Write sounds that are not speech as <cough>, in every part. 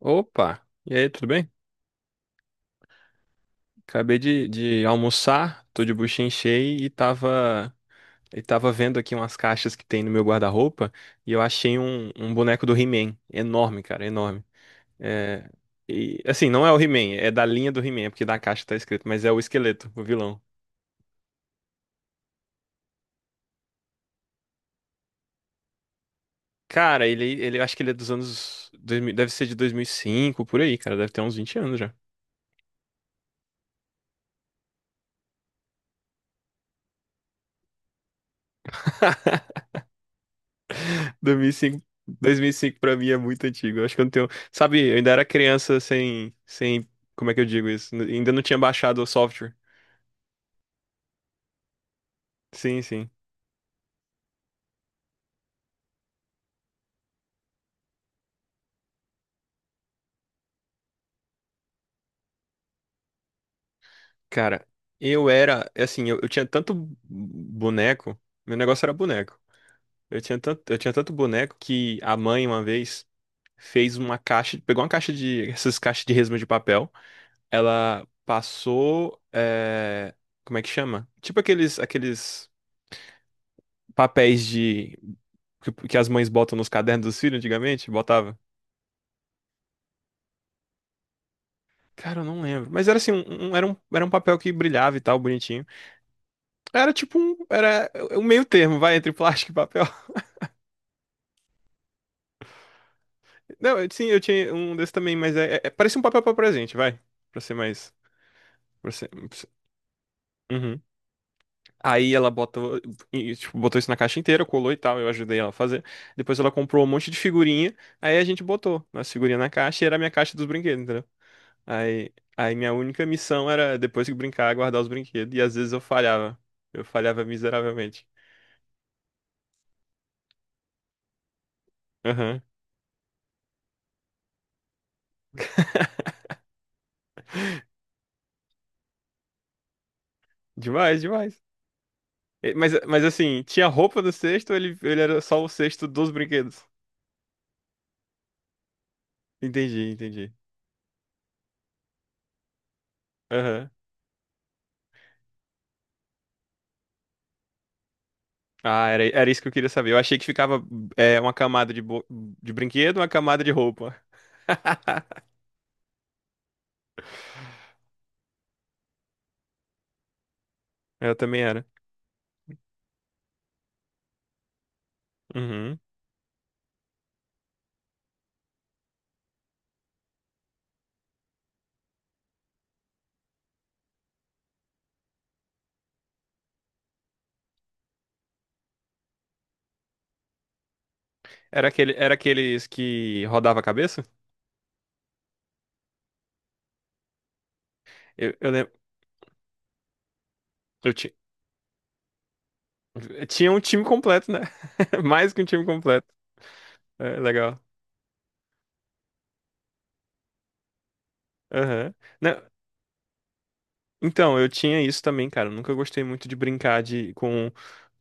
Opa! E aí, tudo bem? Acabei de almoçar, tô de buchinha cheia e tava vendo aqui umas caixas que tem no meu guarda-roupa e eu achei um boneco do He-Man. Enorme, cara, enorme. É, e, assim, não é o He-Man, é da linha do He-Man, é porque na caixa tá escrito, mas é o esqueleto, o vilão. Cara, ele eu acho que ele é dos anos 2000. Deve ser de 2005 por aí, cara, deve ter uns 20 anos já. 2005, 2005 pra mim é muito antigo. Eu acho que eu não tenho. Sabe, eu ainda era criança sem. Como é que eu digo isso? Ainda não tinha baixado o software. Sim, sim. Cara, eu era. Assim, eu tinha tanto boneco. Meu negócio era boneco. Eu tinha tanto boneco que a mãe, uma vez, fez uma caixa. Pegou uma caixa de. <laughs> Essas caixas de resma de papel. Ela passou. Como é que chama? Tipo aqueles papéis de que as mães botam nos cadernos dos filhos antigamente, botava. Cara, eu não lembro. Mas era assim, era um papel que brilhava e tal, bonitinho. Era um meio termo, vai, entre plástico e papel. <laughs> Não, sim, eu tinha um desse também, mas parece um papel pra presente, vai. Pra ser mais. Pra ser, pra ser- Uhum. Aí ela botou, e, tipo, botou isso na caixa inteira, colou e tal, eu ajudei ela a fazer. Depois ela comprou um monte de figurinha, aí a gente botou as figurinhas na caixa e era a minha caixa dos brinquedos, entendeu? Aí minha única missão era, depois que brincar, guardar os brinquedos. E às vezes eu falhava. Eu falhava miseravelmente. Aham. <laughs> Demais, demais. Mas assim, tinha roupa no cesto ou ele era só o cesto dos brinquedos? Entendi, entendi. Aham. Ah, era, era isso que eu queria saber. Eu achei que ficava uma camada de brinquedo, uma camada de roupa. <laughs> Eu também era. Uhum. Era aquele, era aqueles que rodava a cabeça? Eu lembro. Tinha um time completo, né? <laughs> Mais que um time completo. É, legal. Aham. Não, então, eu tinha isso também, cara. Eu nunca gostei muito de brincar de, com,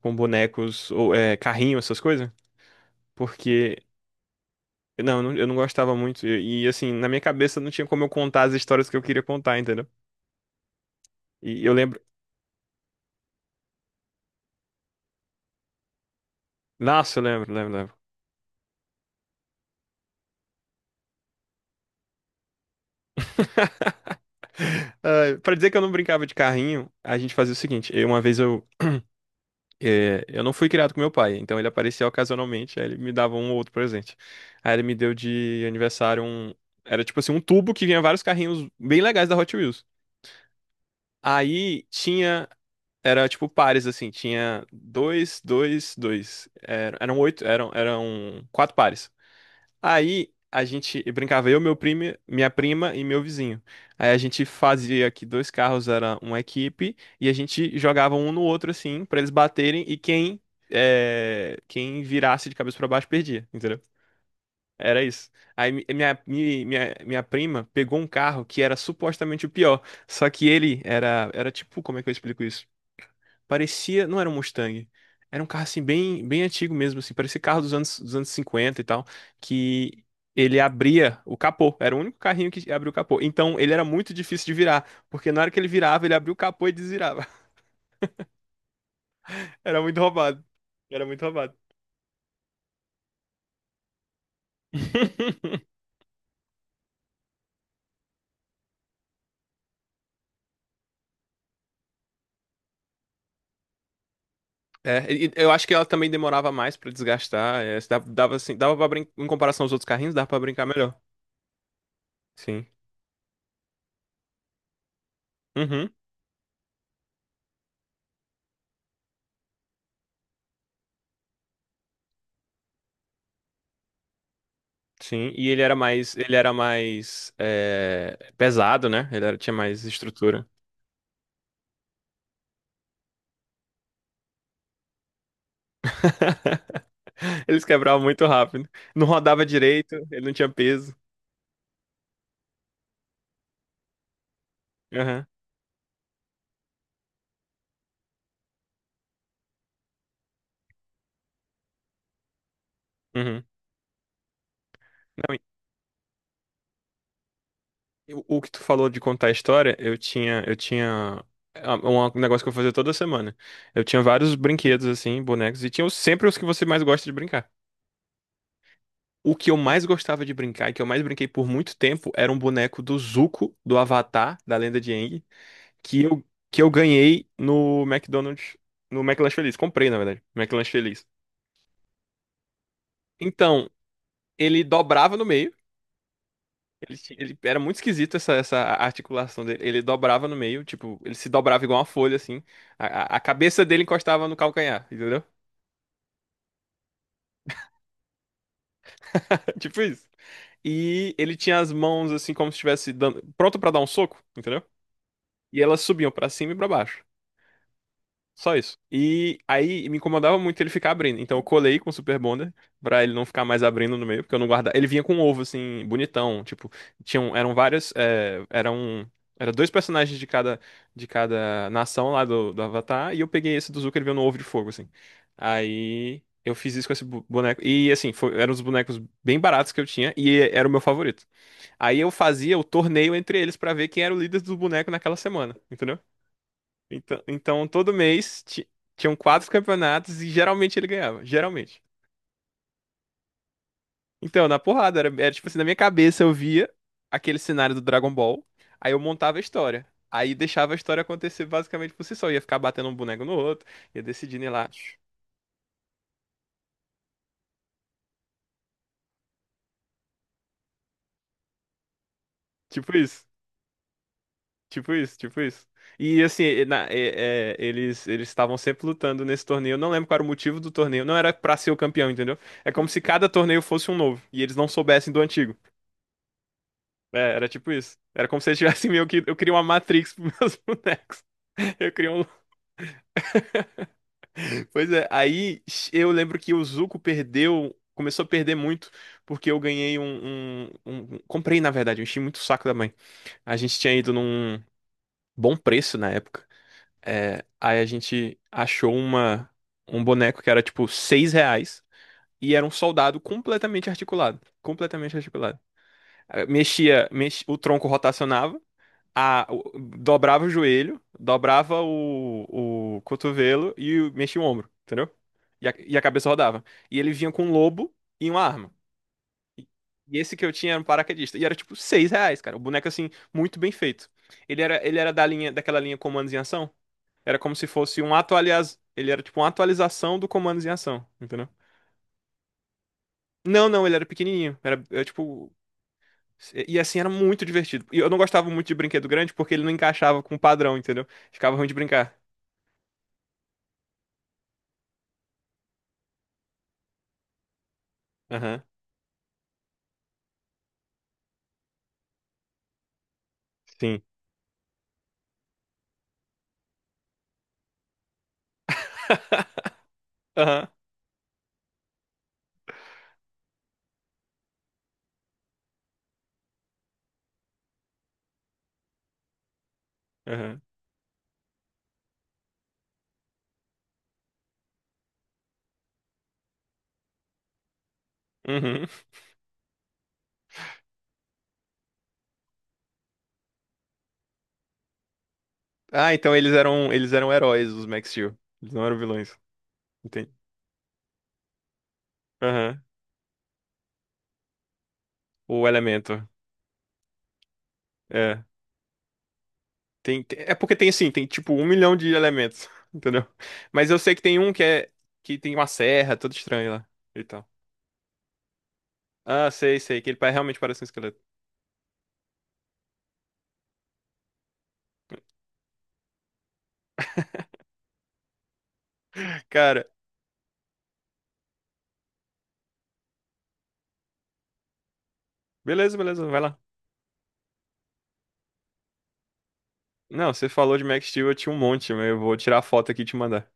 com bonecos ou carrinho, essas coisas. Porque, não, eu não gostava muito. E, assim, na minha cabeça não tinha como eu contar as histórias que eu queria contar, entendeu? E eu lembro. Nossa, eu lembro, lembro, lembro. Ah, pra dizer que eu não brincava de carrinho, a gente fazia o seguinte. É, eu não fui criado com meu pai, então ele aparecia ocasionalmente, aí ele me dava um ou outro presente. Aí ele me deu de aniversário um. Era tipo assim, um tubo que vinha vários carrinhos bem legais da Hot Wheels. Aí tinha. Era tipo pares, assim, tinha dois, dois, dois. Eram oito, eram quatro pares. Aí a gente brincava eu, meu primo, minha prima e meu vizinho. Aí a gente fazia que dois carros era uma equipe e a gente jogava um no outro assim pra eles baterem e quem virasse de cabeça pra baixo perdia, entendeu? Era isso. Aí minha prima pegou um carro que era supostamente o pior, só que ele era tipo, como é que eu explico isso? Parecia, não era um Mustang. Era um carro assim bem, bem antigo mesmo, assim, parecia carro dos anos 50 e tal, que ele abria o capô. Era o único carrinho que abria o capô. Então ele era muito difícil de virar, porque na hora que ele virava, ele abria o capô e desvirava. <laughs> Era muito roubado. Era muito roubado. <laughs> E eu acho que ela também demorava mais pra desgastar. Se dava assim, dava para brincar, em comparação aos outros carrinhos, dava pra brincar melhor. Sim. Uhum. Sim, e ele era mais pesado, né? Tinha mais estrutura. <laughs> Eles quebravam muito rápido. Não rodava direito, ele não tinha peso. Aham, uhum. Não, e o que tu falou de contar a história, eu tinha um negócio que eu fazia toda semana. Eu tinha vários brinquedos assim, bonecos, e tinha sempre os que você mais gosta de brincar. O que eu mais gostava de brincar, e que eu mais brinquei por muito tempo, era um boneco do Zuko, do Avatar, da Lenda de Aang, que eu, que eu ganhei no McDonald's, no McLanche Feliz. Comprei, na verdade, McLanche Feliz. Então, ele dobrava no meio. Ele era muito esquisito essa articulação dele. Ele dobrava no meio, tipo, ele se dobrava igual uma folha, assim. A cabeça dele encostava no calcanhar, entendeu? <laughs> Tipo isso. E ele tinha as mãos assim como se estivesse pronto pra dar um soco, entendeu? E elas subiam pra cima e pra baixo. Só isso. E aí me incomodava muito ele ficar abrindo. Então eu colei com o Super Bonder pra ele não ficar mais abrindo no meio, porque eu não guardava. Ele vinha com um ovo assim, bonitão. Tipo, tinham, eram várias. É, era dois personagens de cada nação lá do Avatar. E eu peguei esse do Zuko, ele veio no ovo de fogo, assim. Aí eu fiz isso com esse boneco. E assim, eram os bonecos bem baratos que eu tinha e era o meu favorito. Aí eu fazia o torneio entre eles pra ver quem era o líder do boneco naquela semana, entendeu? Então, todo mês tinham quatro campeonatos e geralmente ele ganhava. Geralmente. Então, na porrada, era, era tipo assim, na minha cabeça eu via aquele cenário do Dragon Ball, aí eu montava a história. Aí deixava a história acontecer basicamente por si só. Ia ficar batendo um boneco no outro, ia decidindo ir lá. Tipo isso, tipo isso, tipo isso. E assim, e eles eles estavam sempre lutando nesse torneio. Eu não lembro qual era o motivo do torneio. Não era pra ser o campeão, entendeu? É como se cada torneio fosse um novo e eles não soubessem do antigo. É, era tipo isso. Era como se eu tivesse meio que. Eu queria uma Matrix pros meus <laughs> bonecos. Eu queria um. Pois é, aí eu lembro que o Zuko perdeu. Começou a perder muito, porque eu ganhei Comprei, na verdade, eu enchi muito o saco da mãe. A gente tinha ido num bom preço na época. É, aí a gente achou um boneco que era tipo R$ 6 e era um soldado completamente articulado. Completamente articulado. O tronco rotacionava. Dobrava o joelho, dobrava o cotovelo e mexia o ombro, entendeu? E a cabeça rodava. E ele vinha com um lobo e uma arma. E esse que eu tinha era um paraquedista. E era tipo R$ 6, cara. O boneco, assim, muito bem feito. Ele era da linha, daquela linha Comandos em Ação. Era como se fosse um Ele era tipo uma atualização do Comandos em Ação, entendeu? Não, não, ele era pequenininho. Era, era tipo. E assim, era muito divertido. E eu não gostava muito de brinquedo grande porque ele não encaixava com o padrão, entendeu? Ficava ruim de brincar. Sim. <laughs> Aham, aham, uhum. Ah, então eles eram heróis, os Max Steel. Eles não eram vilões. Entendi. Aham. O elemento. É. É porque tem assim, tem tipo um milhão de elementos, <laughs> entendeu? Mas eu sei que tem um que é que tem uma serra, todo estranho lá e tal. Ah, sei, sei, que ele realmente parece um esqueleto. Cara, beleza, beleza, vai lá. Não, você falou de Max Steel, eu tinha um monte, mas eu vou tirar a foto aqui e te mandar.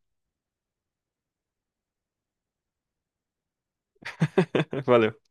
<laughs> Valeu.